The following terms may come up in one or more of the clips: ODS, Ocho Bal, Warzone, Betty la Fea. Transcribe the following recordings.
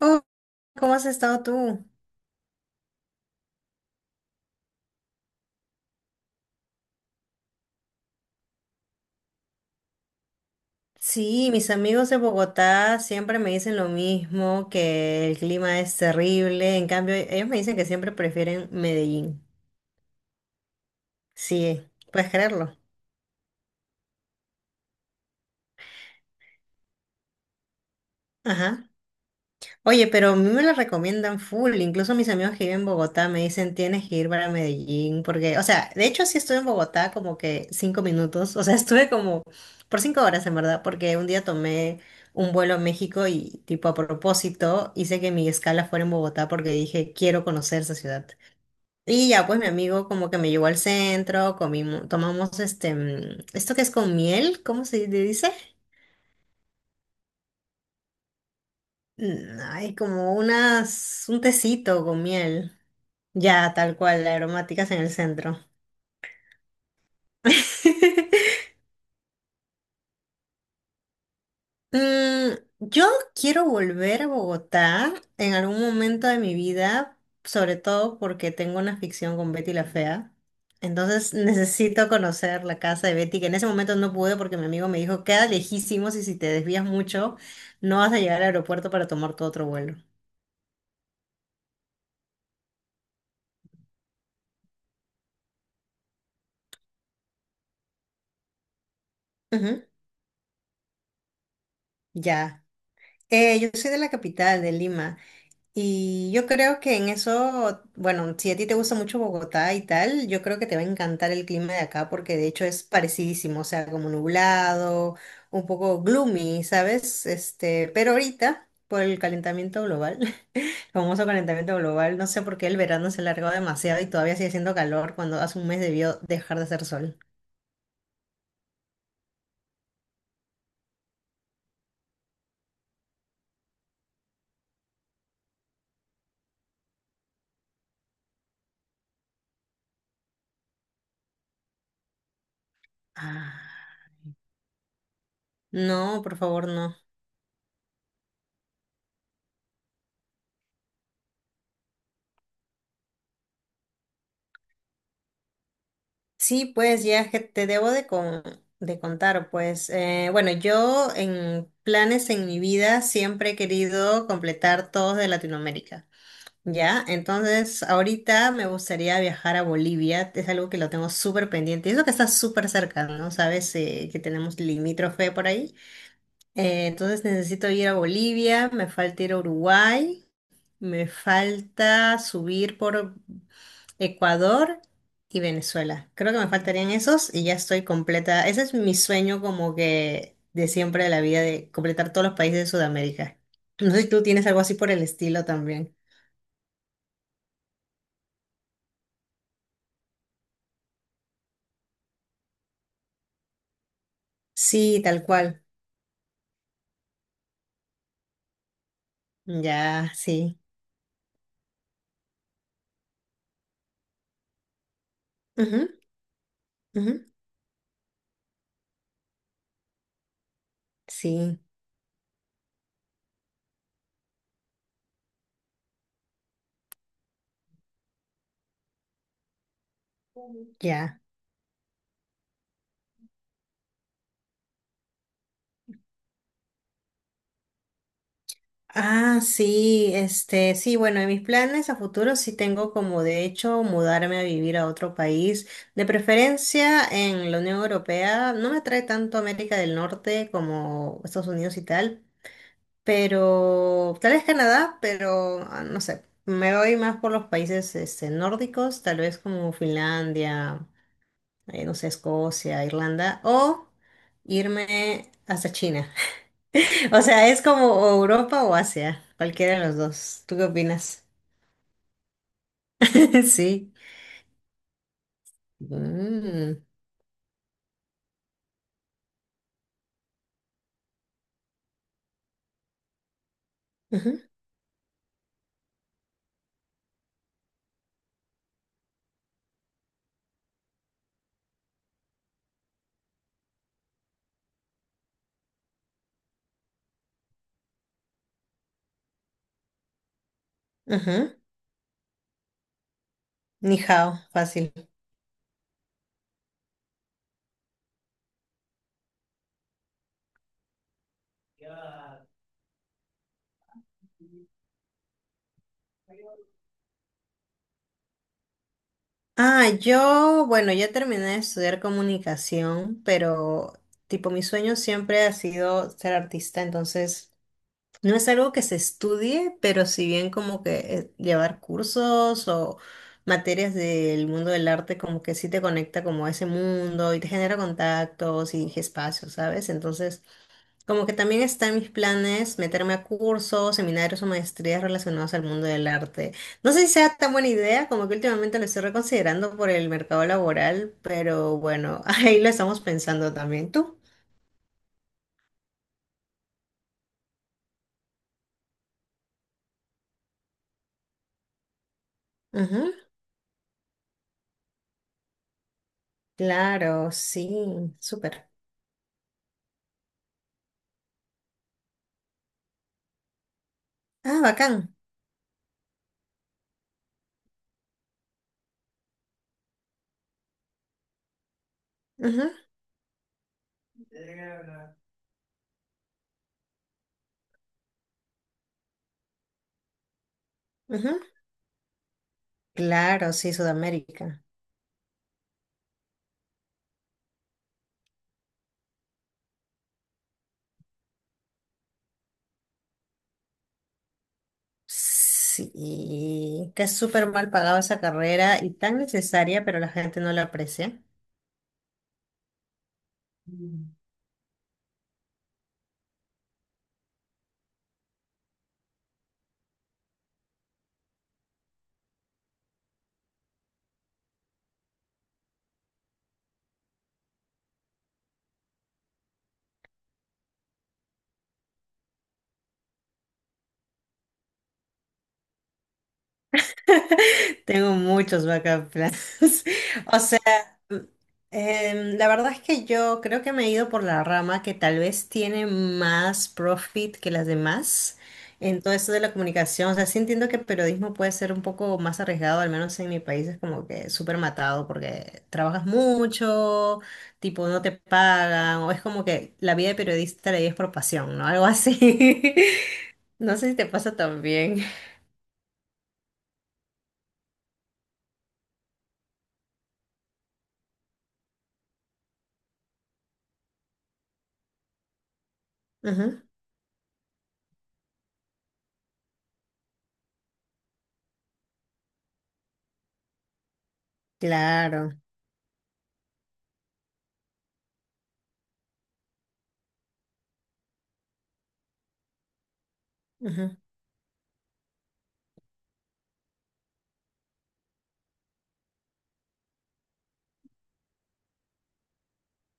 Oh, ¿cómo has estado tú? Sí, mis amigos de Bogotá siempre me dicen lo mismo, que el clima es terrible. En cambio, ellos me dicen que siempre prefieren Medellín. Sí, puedes creerlo. Ajá. Oye, pero a mí me la recomiendan full, incluso mis amigos que viven en Bogotá me dicen tienes que ir para Medellín, porque, o sea, de hecho sí estuve en Bogotá como que cinco minutos, o sea, estuve como por cinco horas en verdad, porque un día tomé un vuelo a México y tipo a propósito hice que mi escala fuera en Bogotá porque dije quiero conocer esa ciudad. Y ya pues mi amigo como que me llevó al centro, comimos, tomamos esto que es con miel, ¿cómo se le dice? Mm, ay, como unas, un tecito con miel. Ya, tal cual, la aromáticas en el centro. Mm, yo quiero volver a Bogotá en algún momento de mi vida, sobre todo porque tengo una ficción con Betty la Fea. Entonces necesito conocer la casa de Betty, que en ese momento no pude porque mi amigo me dijo, queda lejísimos y si te desvías mucho, no vas a llegar al aeropuerto para tomar tu otro vuelo. Ujú. Ya. Yo soy de la capital, de Lima. Y yo creo que en eso, bueno, si a ti te gusta mucho Bogotá y tal, yo creo que te va a encantar el clima de acá porque de hecho es parecidísimo, o sea, como nublado, un poco gloomy, ¿sabes? Pero ahorita, por el calentamiento global, el famoso calentamiento global, no sé por qué el verano se alargó demasiado y todavía sigue haciendo calor cuando hace un mes debió dejar de hacer sol. Ah. No, por favor, no. Sí, pues ya que te debo de, de contar, pues bueno, yo en planes en mi vida siempre he querido completar todos de Latinoamérica, ¿ya? Entonces ahorita me gustaría viajar a Bolivia, es algo que lo tengo súper pendiente, y eso que está súper cerca, ¿no? Sabes que tenemos limítrofe por ahí. Entonces necesito ir a Bolivia, me falta ir a Uruguay. Me falta subir por Ecuador y Venezuela. Creo que me faltarían esos y ya estoy completa. Ese es mi sueño como que de siempre de la vida, de completar todos los países de Sudamérica. No sé si tú tienes algo así por el estilo también. Sí, tal cual. Ya, sí. Ujú, ujú. Sí, ya. Ah, sí, sí, bueno, en mis planes a futuro sí tengo como de hecho mudarme a vivir a otro país, de preferencia en la Unión Europea. No me atrae tanto América del Norte como Estados Unidos y tal, pero tal vez Canadá, pero ah, no sé, me voy más por los países nórdicos, tal vez como Finlandia, no sé, Escocia, Irlanda, o irme hasta China. O sea, es como o Europa o Asia, cualquiera de los dos. ¿Tú qué opinas? Sí. Mm. Ujú, ujú. Ni hao, fácil. Ah, yo, bueno, yo terminé de estudiar comunicación, pero tipo mi sueño siempre ha sido ser artista, entonces no es algo que se estudie, pero si bien como que llevar cursos o materias del mundo del arte como que sí te conecta como a ese mundo y te genera contactos y espacios, ¿sabes? Entonces, como que también está en mis planes meterme a cursos, seminarios o maestrías relacionados al mundo del arte. No sé si sea tan buena idea, como que últimamente lo estoy reconsiderando por el mercado laboral, pero bueno, ahí lo estamos pensando también. ¿Tú? Ujú. Claro, sí, súper. Ah, bacán. Ujú, ujú. Claro, sí, Sudamérica. Sí, que es súper mal pagada esa carrera y tan necesaria, pero la gente no la aprecia. Tengo muchos backup plans. O sea, la verdad es que yo creo que me he ido por la rama que tal vez tiene más profit que las demás en todo esto de la comunicación. O sea, sí entiendo que periodismo puede ser un poco más arriesgado, al menos en mi país es como que súper matado porque trabajas mucho, tipo no te pagan, o es como que la vida de periodista la vives por pasión, ¿no? Algo así. No sé si te pasa también. Ujú. Claro.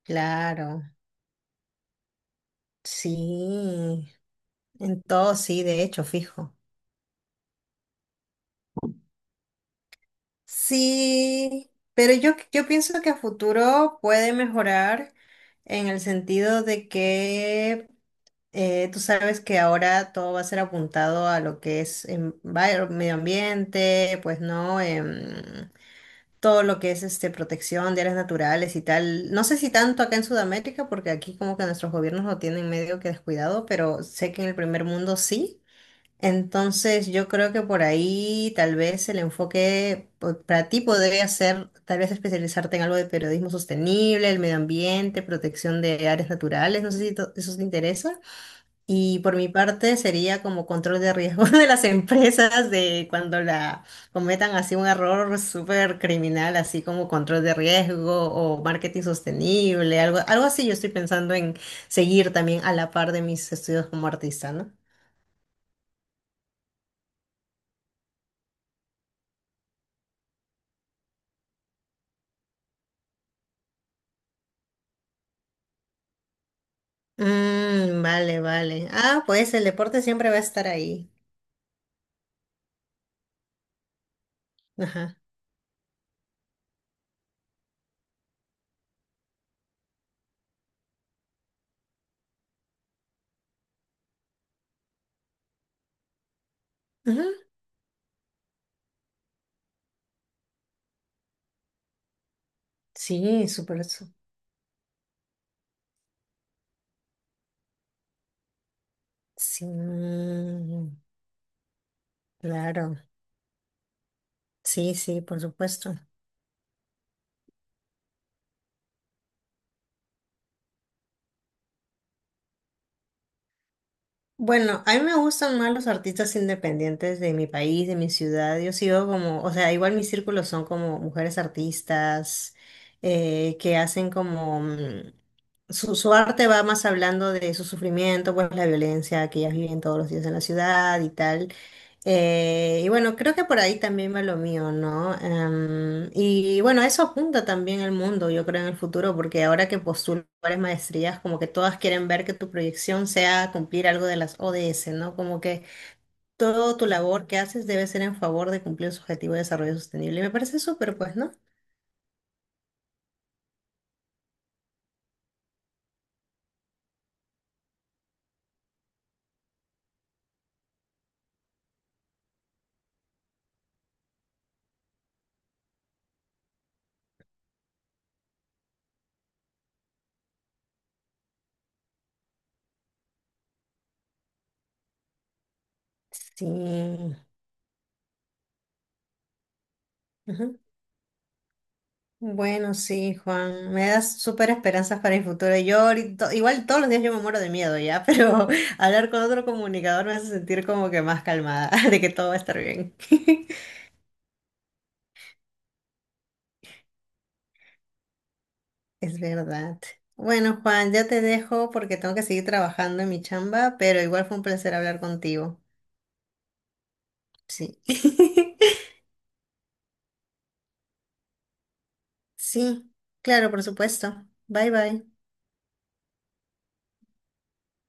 Claro, sí, en todo sí, de hecho, fijo. Sí, pero yo pienso que a futuro puede mejorar en el sentido de que tú sabes que ahora todo va a ser apuntado a lo que es medio ambiente, pues no. Todo lo que es protección de áreas naturales y tal. No sé si tanto acá en Sudamérica, porque aquí como que nuestros gobiernos lo tienen medio que descuidado, pero sé que en el primer mundo sí. Entonces, yo creo que por ahí tal vez el enfoque para ti podría ser tal vez especializarte en algo de periodismo sostenible, el medio ambiente, protección de áreas naturales, no sé si eso te interesa. Y por mi parte sería como control de riesgo de las empresas de cuando la cometan así un error súper criminal, así como control de riesgo o marketing sostenible, algo así yo estoy pensando en seguir también a la par de mis estudios como artista, ¿no? Mm, vale, vale. Ah, pues el deporte siempre va a estar ahí. Ajá. Ujú. Sí, súper. Sí, mm, claro. Sí, sí, por supuesto. Bueno, a mí me gustan más los artistas independientes de mi país, de mi ciudad. Yo sigo como, o sea, igual mis círculos son como mujeres artistas que hacen como... mm, su arte va más hablando de su sufrimiento, pues la violencia que ellas viven todos los días en la ciudad y tal. Y bueno, creo que por ahí también va lo mío, ¿no? Y bueno, eso apunta también el mundo, yo creo, en el futuro, porque ahora que postulo varias maestrías, como que todas quieren ver que tu proyección sea cumplir algo de las ODS, ¿no? Como que toda tu labor que haces debe ser en favor de cumplir su objetivo de desarrollo sostenible. Y me parece súper, pues, ¿no? Sí. Ujú. Bueno, sí, Juan, me das súper esperanzas para el futuro. Yo ahorita, igual todos los días yo me muero de miedo ya, pero hablar con otro comunicador me hace sentir como que más calmada, de que todo va a estar bien. Es verdad. Bueno, Juan, ya te dejo porque tengo que seguir trabajando en mi chamba, pero igual fue un placer hablar contigo. Sí. Sí, claro, por supuesto. Bye bye.